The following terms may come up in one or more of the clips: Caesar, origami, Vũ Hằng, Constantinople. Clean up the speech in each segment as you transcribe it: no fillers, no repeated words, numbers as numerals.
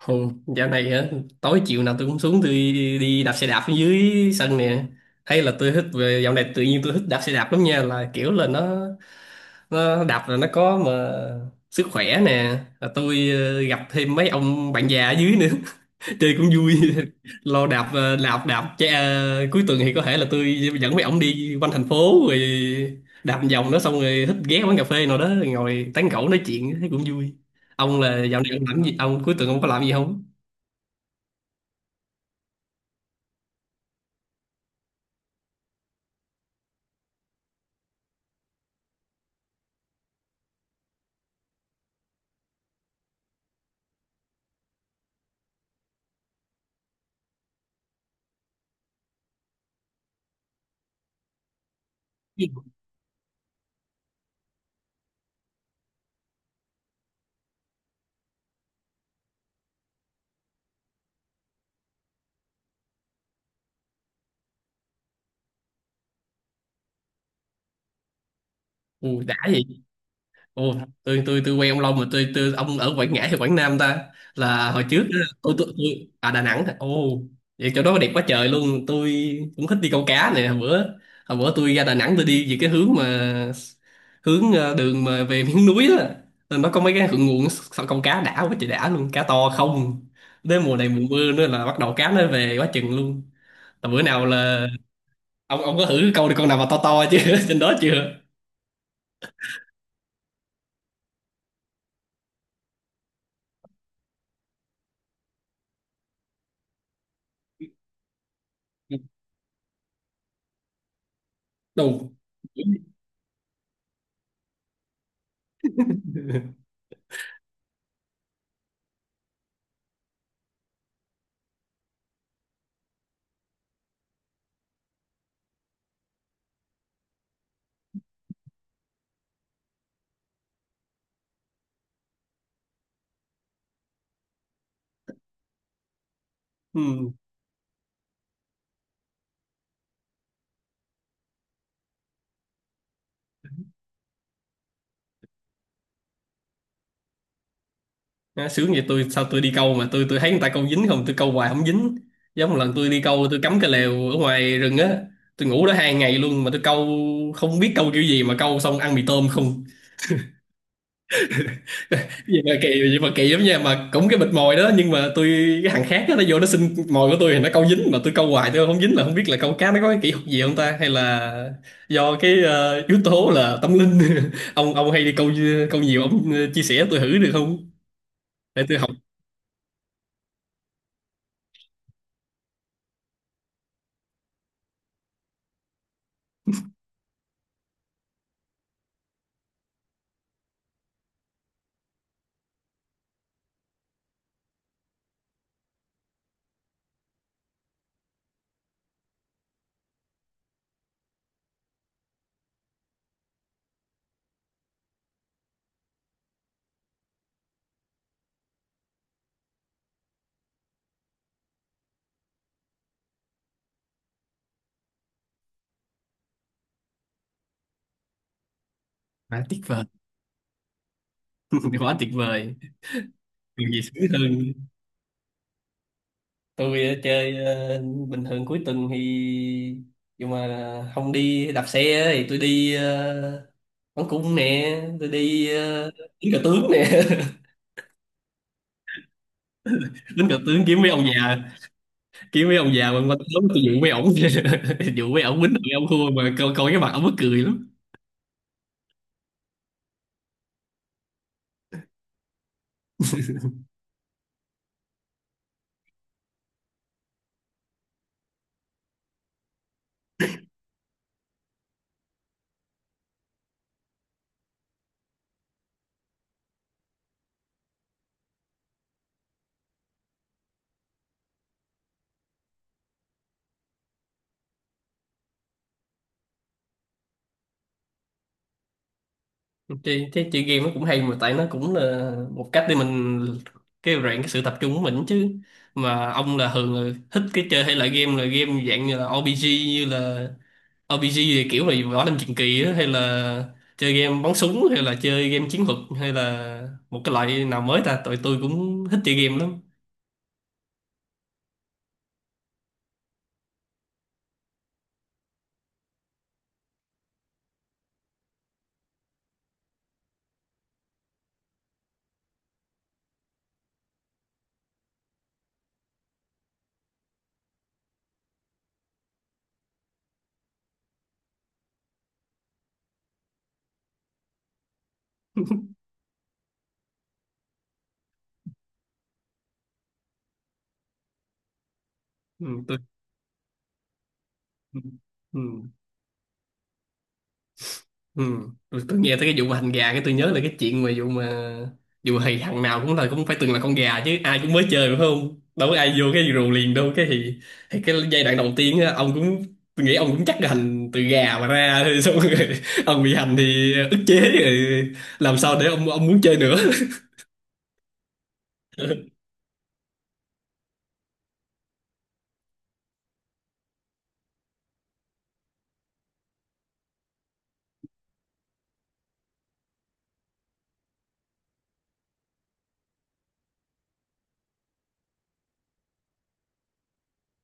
Không, dạo này á, tối chiều nào tôi cũng xuống tôi đi đạp xe đạp ở dưới sân nè. Hay là tôi thích về dạo này tự nhiên tôi thích đạp xe đạp lắm nha, là kiểu là nó đạp là nó có mà sức khỏe nè, là tôi gặp thêm mấy ông bạn già ở dưới nữa chơi cũng vui lo đạp đạp đạp chạy, cuối tuần thì có thể là tôi dẫn mấy ông đi quanh thành phố, rồi đạp một vòng đó, xong rồi thích ghé quán cà phê nào đó ngồi tán gẫu nói chuyện thấy cũng vui. Ông là dạo này ông làm gì, ông cuối tuần ông có làm gì không? Ui, đã vậy. Ồ, tôi quen ông Long mà tôi ông ở Quảng Ngãi hay Quảng Nam ta? Là hồi trước á, tôi à Đà Nẵng hả? Ồ, vậy chỗ đó đẹp quá trời luôn. Tôi cũng thích đi câu cá này. Hồi bữa tôi ra Đà Nẵng tôi đi về cái hướng mà hướng đường mà về miếng núi đó. Rồi nó có mấy cái thượng nguồn sao câu cá đã quá trời đã luôn, cá to không. Đến mùa này mùa mưa nữa là bắt đầu cá nó về quá chừng luôn, là bữa nào là ông có thử câu được con nào mà to to chứ trên đó chưa? Đủ. Ừ. Nó sướng vậy, tôi sao tôi đi câu mà tôi thấy người ta câu dính, không tôi câu hoài không dính. Giống một lần tôi đi câu tôi cắm cái lều ở ngoài rừng á, tôi ngủ đó hai ngày luôn mà tôi câu không biết câu kiểu gì mà câu xong ăn mì tôm không. Vậy mà kỳ, vậy mà kỳ lắm nha, mà cũng cái bịch mồi đó nhưng mà tôi cái thằng khác đó, nó vô nó xin mồi của tôi thì nó câu dính, mà tôi câu hoài tôi không dính, là không biết là câu cá nó có cái kỹ thuật gì không ta, hay là do cái yếu tố là tâm linh. Ông hay đi câu, câu nhiều, ông chia sẻ tôi thử được không, để tôi học. À, tiếc vời quá, tuyệt vời. Điều gì sướng hơn. Tôi chơi bình thường cuối tuần thì nhưng mà không đi đạp xe thì tôi đi bắn cung nè, tôi đi đánh cờ tướng nè. Đánh cờ tướng kiếm mấy ông già, kiếm mấy ông già mà qua tôi dụ mấy ổng dụ mấy ổng quýnh mấy ông khua mà coi, coi cái mặt ổng mắc cười lắm. Chị, thế chị game nó cũng hay mà, tại nó cũng là một cách để mình kêu rèn cái sự tập trung của mình chứ. Mà ông là thường là thích cái chơi hay là game, là game dạng như là RPG, như là RPG thì kiểu là võ lâm truyền kỳ á, hay là chơi game bắn súng hay là chơi game chiến thuật hay là một cái loại nào mới ta, tụi tôi cũng thích chơi game lắm. Ừ, tôi. Ừ. Ừ. Ừ. Tôi nghe tới cái vụ mà hành gà, cái tôi nhớ là cái chuyện mà vụ thì thằng nào cũng là cũng phải từng là con gà chứ, ai cũng mới chơi phải không, đâu có ai vô cái rù liền đâu, cái thì cái giai đoạn đầu tiên á, ông cũng, tôi nghĩ ông cũng chắc là hành từ gà mà ra thôi xong rồi ông bị hành thì ức chế rồi làm sao để ông muốn chơi nữa.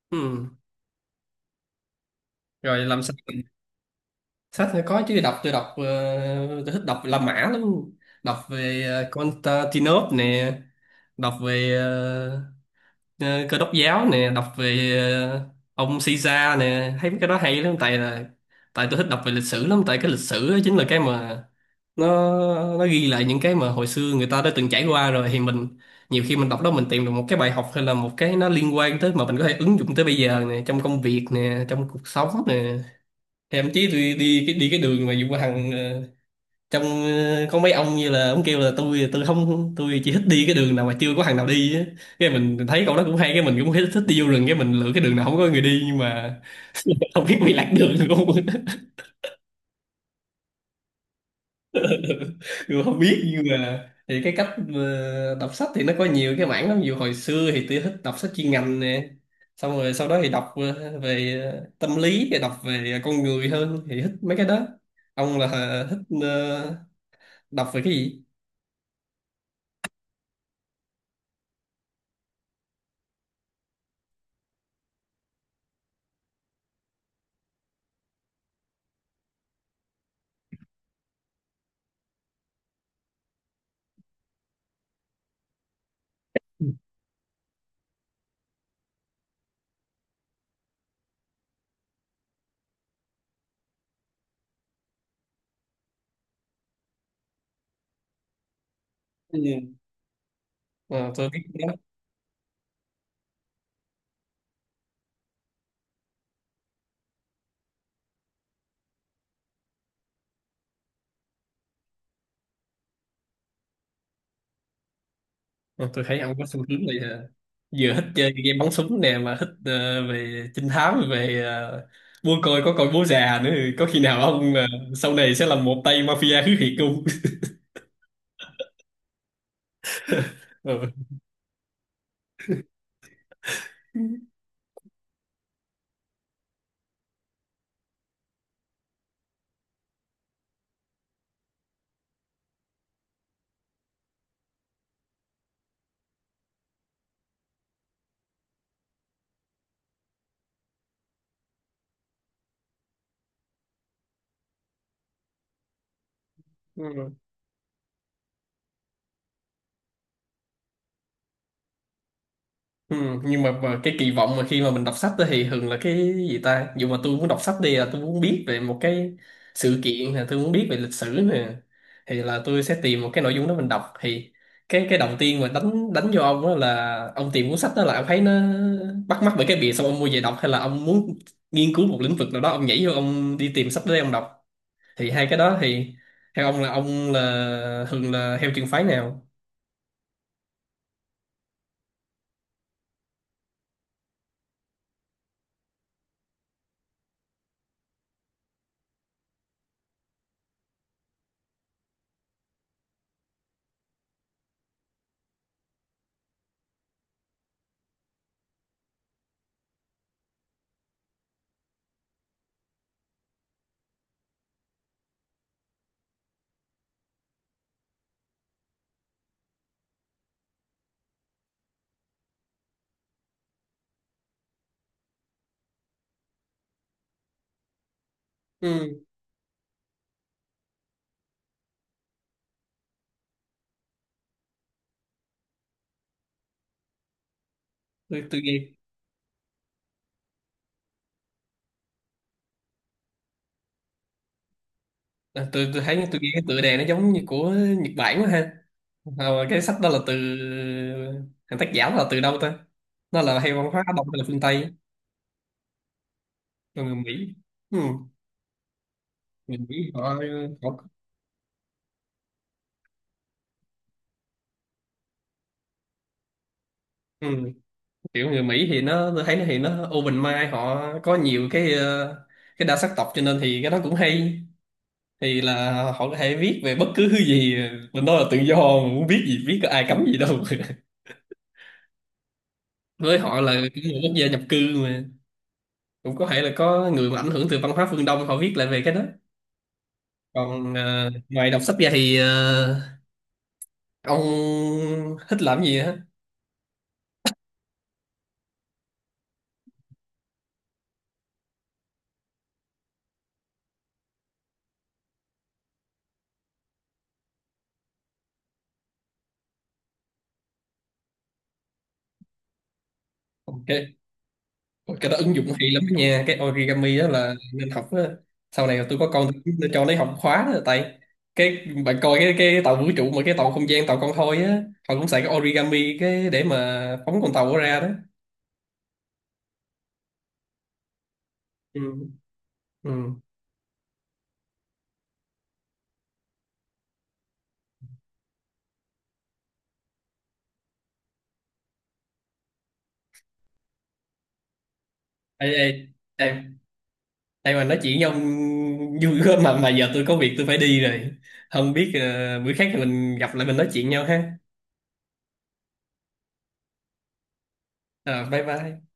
Ừ. Rồi làm sao. Sách thì có chứ, đọc tôi đọc tôi thích đọc La Mã lắm, đọc về Constantinople nè, đọc về ờ, cơ đốc giáo nè, đọc về ông Caesar nè, thấy mấy cái đó hay lắm, tại là tại tôi thích đọc về lịch sử lắm, tại cái lịch sử á chính là cái mà nó nó ghi lại những cái mà hồi xưa người ta đã từng trải qua rồi, thì mình nhiều khi mình đọc đó mình tìm được một cái bài học hay là một cái nó liên quan tới mà mình có thể ứng dụng tới bây giờ nè, trong công việc nè, trong cuộc sống nè. Thậm chí tôi đi cái đường mà Vũ Hằng, trong có mấy ông như là ông kêu là tôi không, tôi chỉ thích đi cái đường nào mà chưa có thằng nào đi á, cái mình thấy câu đó cũng hay, cái mình cũng thích thích đi vô rừng, cái mình lựa cái đường nào không có người đi, nhưng mà không biết bị lạc đường luôn. Người không biết, nhưng mà thì cái cách đọc sách thì nó có nhiều cái mảng lắm, dù hồi xưa thì tôi thích đọc sách chuyên ngành nè, xong rồi sau đó thì đọc về tâm lý, rồi đọc về con người hơn thì thích mấy cái đó. Ông là thích đọc về cái gì? Ừ. Ờ, tôi biết. Ờ, tôi thấy ông có xu hướng này à, vừa thích chơi game bắn súng nè mà thích về trinh thám, về buôn, coi có coi bố già nữa. Có khi nào ông sau này sẽ là một tay mafia thứ thiệt không? Ờ. Ừ, nhưng mà cái kỳ vọng mà khi mà mình đọc sách đó thì thường là cái gì ta, dù mà tôi muốn đọc sách đi là tôi muốn biết về một cái sự kiện, là tôi muốn biết về lịch sử nè, thì là tôi sẽ tìm một cái nội dung đó mình đọc. Thì cái đầu tiên mà đánh đánh vô ông đó là ông tìm cuốn sách đó là ông thấy nó bắt mắt bởi cái bìa, xong ông mua về đọc, hay là ông muốn nghiên cứu một lĩnh vực nào đó ông nhảy vô ông đi tìm sách để ông đọc, thì hai cái đó thì theo ông là thường là theo trường phái nào? Ừ, tôi nghe. À, tôi thấy tôi nghĩ cái tựa đề nó giống như của Nhật Bản quá ha. Ờ, cái sách đó là từ thằng tác giả là từ đâu ta, nó là hay văn hóa đông hay là phương Tây? Còn người Mỹ. Ừ. Người Mỹ họ, họ. Ừ. Kiểu người Mỹ thì nó tôi thấy nó thì nó open mind, họ có nhiều cái cái đa sắc tộc cho nên thì cái đó cũng hay, thì là họ có thể viết về bất cứ thứ gì, mình nói là tự do, muốn viết gì viết, có ai cấm gì đâu. Với họ là cái người quốc gia nhập cư mà, cũng có thể là có người mà ảnh hưởng từ văn hóa phương Đông họ viết lại về cái đó. Còn ngoài đọc sách ra thì ờ, ông thích làm gì hả? OK. Ôi, cái đó ứng dụng hay lắm đó nha, cái origami đó là nên học á. Sau này tôi có con tôi cũng cho nó học khóa đó, tại cái bạn coi cái tàu vũ trụ mà cái tàu không gian tàu con thoi á, họ cũng xài cái origami cái để mà phóng con tàu đó ra đó. Ừ. Ừ. Ê, ê, ê, đây mà nói chuyện với ông vui quá, mà giờ tôi có việc tôi phải đi rồi. Không biết bữa khác thì mình gặp lại mình nói chuyện nhau ha. Ờ, bye bye.